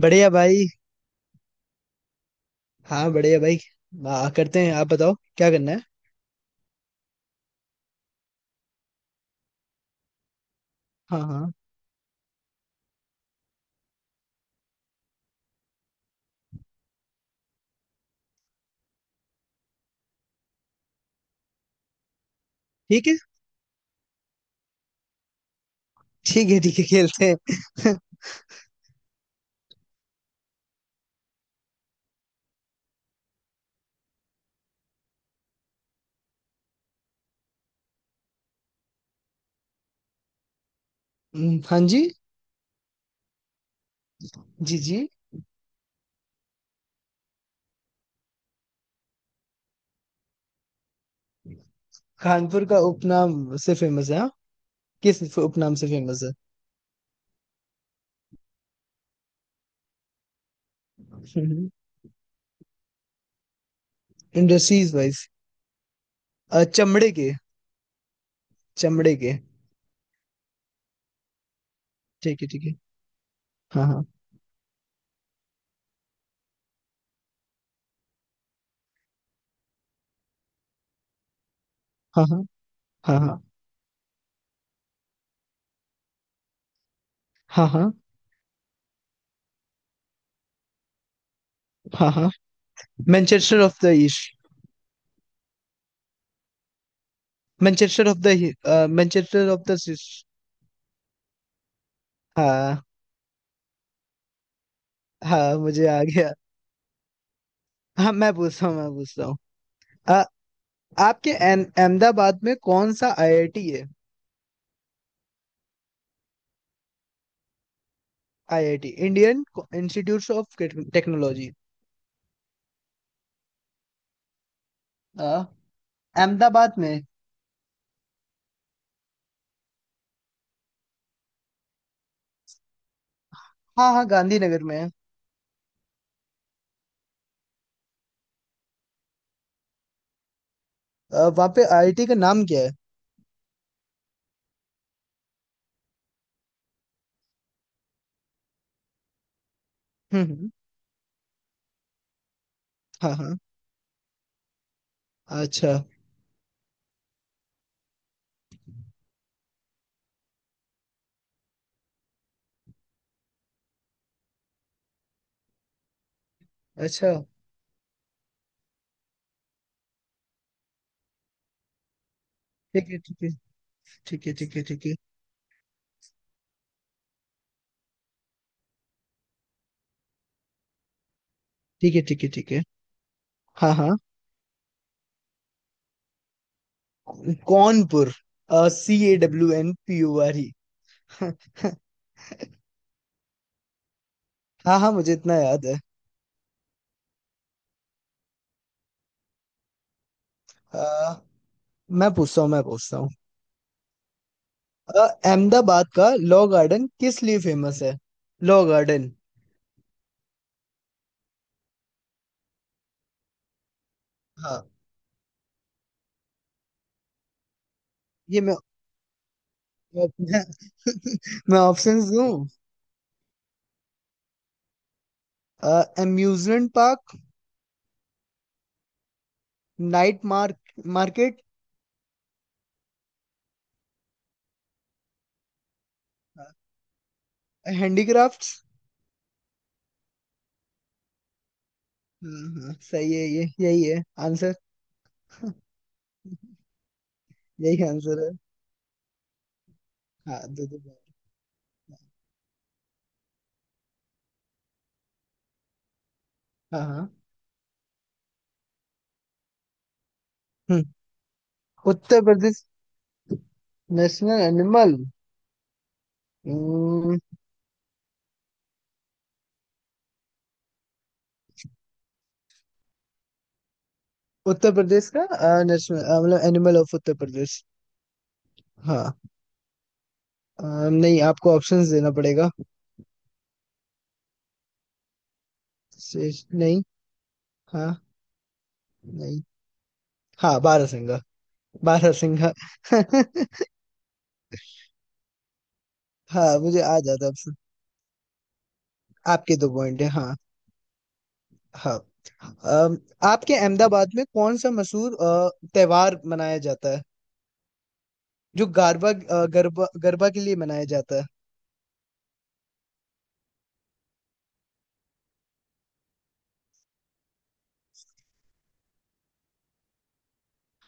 बढ़िया भाई। हाँ बढ़िया भाई। करते हैं, आप बताओ क्या करना है। हाँ हाँ। ठीक है, ठीक है, ठीक है, खेलते हैं। हाँ, जी। जी जी। कानपुर का उपनाम से फेमस है, हाँ। किस उपनाम से फेमस है? Industries wise. चमड़े के, चमड़े के। ठीक है, ठीक है। हाँ हाँ हाँ हाँ हाँ हाँ हाँ हाँ हाँ हाँ। Manchester of the East. Manchester of the. Manchester of the. हाँ हाँ, मुझे आ गया। हाँ, मैं पूछता हूँ, मैं पूछता हूँ। आपके अहमदाबाद में कौन सा आईआईटी है? IIT, Indian Institute of Technology. Ahmedabad में। हाँ हाँ, गांधीनगर में है। वहाँ पे आईआईटी का नाम क्या है? हम्म हम्म, हाँ हाँ। अच्छा। अच्छा। ठीक है, ठीक है, ठीक है, ठीक है, ठीक है, ठीक है, ठीक है, ठीक है। हाँ हाँ। कौनपुर। C A W N P U R ई। हाँ हाँ, मुझे इतना याद है। अ, मैं पूछता हूँ, मैं पूछता हूँ। अहमदाबाद का लॉ गार्डन किस लिए फेमस है? Law garden. हाँ, ये मैं, मैं ऑप्शंस दूं? Amusement park. Night market. Handicrafts. हाँ हाँ, सही है ये, यही है आंसर। यही आंसर है। हाँ, दो दो बार। हाँ हाँ। हम्म, उत्तर प्रदेश, नेशनल एनिमल। हम्म, उत्तर प्रदेश का नेशनल, मतलब एनिमल ऑफ उत्तर प्रदेश। हाँ। अ, नहीं, आपको ऑप्शंस देना पड़ेगा। शेष नहीं। हाँ। नहीं। हाँ, बारह सिंगा। बारह सिंगा। हाँ, मुझे आ जाता अब से। आपके दो पॉइंट है, हाँ। हाँ। अम, आपके अहमदाबाद में कौन सा मशहूर त्योहार मनाया जाता है, जो गरबा अ, गरबा गरबा के लिए मनाया जाता है?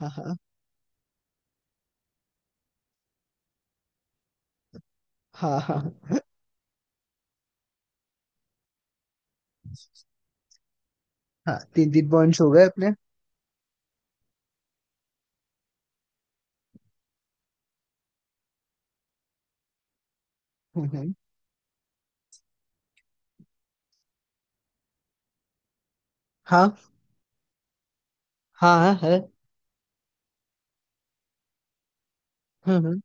हाँ हाँ हाँ हाँ। हाँ, तीन तीन पॉइंट्स हो गए अपने। हम्म, हम्म, हाँ हाँ। हाँ है। हम्म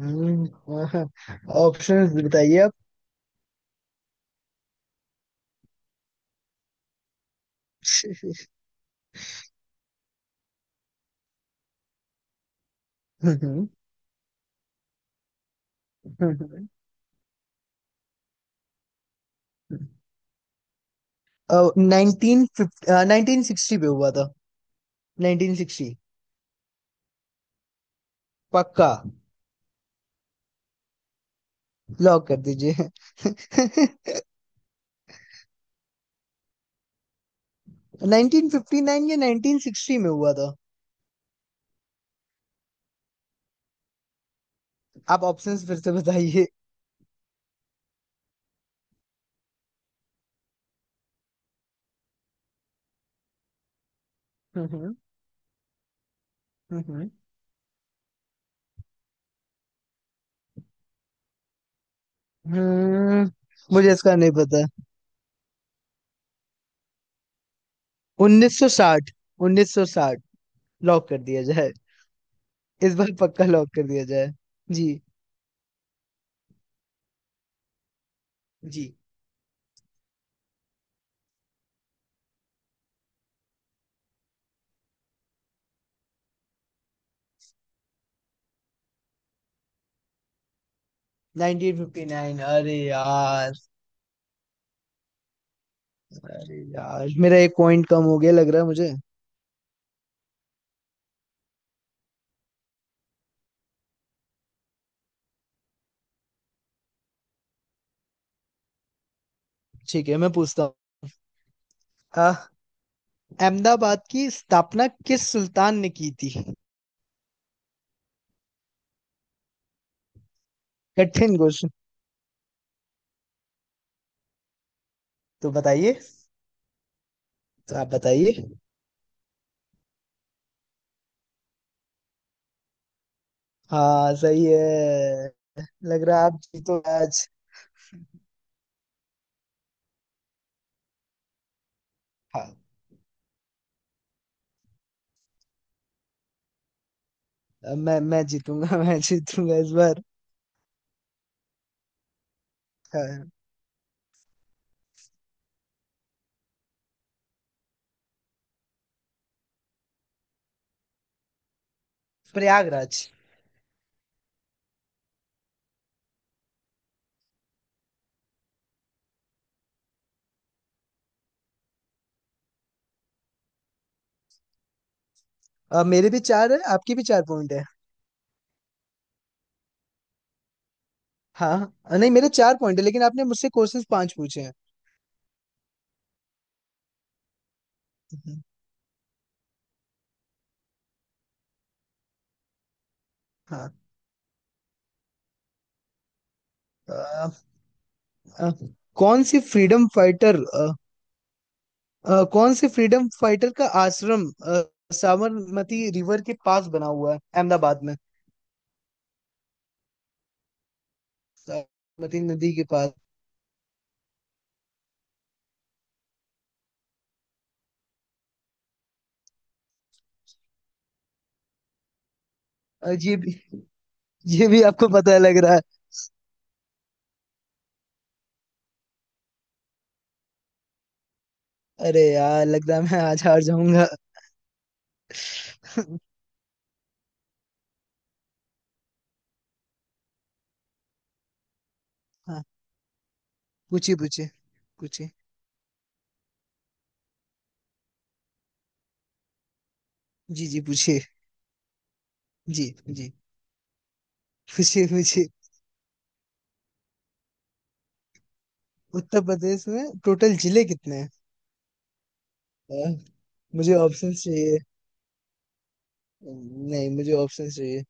हम्म हम्म, ऑप्शंस बताइए आप। हम्म नाइनटीन 1950, 1960 पे हुआ था। 1960 पक्का। लॉक कर दीजिए। 1959 या 1960 में हुआ था। आप ऑप्शंस फिर से बताइए। हम्म हम्म, हम्म, मुझे इसका नहीं पता। 1960, 1960 लॉक कर दिया जाए। इस बार पक्का लॉक कर दिया जाए। जी जी। 1959, अरे यार। अरे यार, मेरा एक पॉइंट कम हो गया लग रहा है मुझे। ठीक है, मैं पूछता हूँ। अह, अहमदाबाद की स्थापना किस सुल्तान ने की थी? कठिन क्वेश्चन। तो बताइए। तो आप बताइए। हाँ, सही है। लग रहा है आप जीतो आज। हाँ, अब मैं जीतूंगा। मैं जीतूंगा इस बार। हाँ। प्रयागराज। मेरे भी चार है, आपके भी चार पॉइंट है। हाँ। नहीं, मेरे चार पॉइंट है, लेकिन आपने मुझसे क्वेश्चंस पांच पूछे हैं। हम्म, हाँ। अ, अ, कौन सी फ्रीडम फाइटर कौन से फ्रीडम फाइटर का आश्रम साबरमती रिवर के पास बना हुआ है अहमदाबाद में? साबरमती नदी के पास। और ये भी। ये भी आपको पता, लग रहा है। अरे यार, लग रहा है मैं आज हार जाऊंगा। हाँ, पूछिए पूछिए। पूछिए। जी। जी। पूछिए जी जी पूछिए पूछिए। उत्तर प्रदेश में टोटल जिले कितने हैं? अ, मुझे ऑप्शन चाहिए। नहीं, मुझे ऑप्शन चाहिए।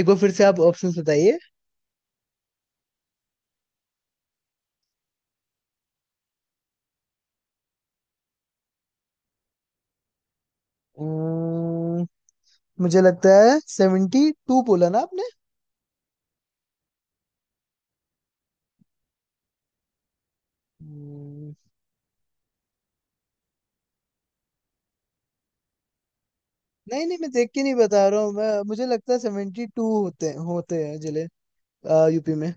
एक बार फिर से आप ऑप्शन बताइए। अम्म, मुझे लगता है 72, बोला ना आपने? हम्म, नहीं नहीं, मैं देख के नहीं बता रहा हूँ। मैं मुझे लगता है 72 होते होते हैं जिले, यूपी में।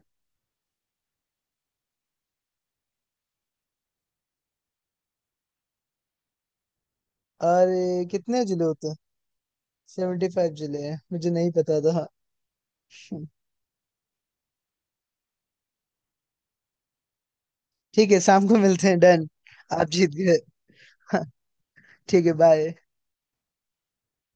अरे कितने जिले होते हैं? 75 जिले हैं, मुझे नहीं पता था। ठीक है, शाम को मिलते हैं, डन। आप जीत गए। ठीक है, बाय।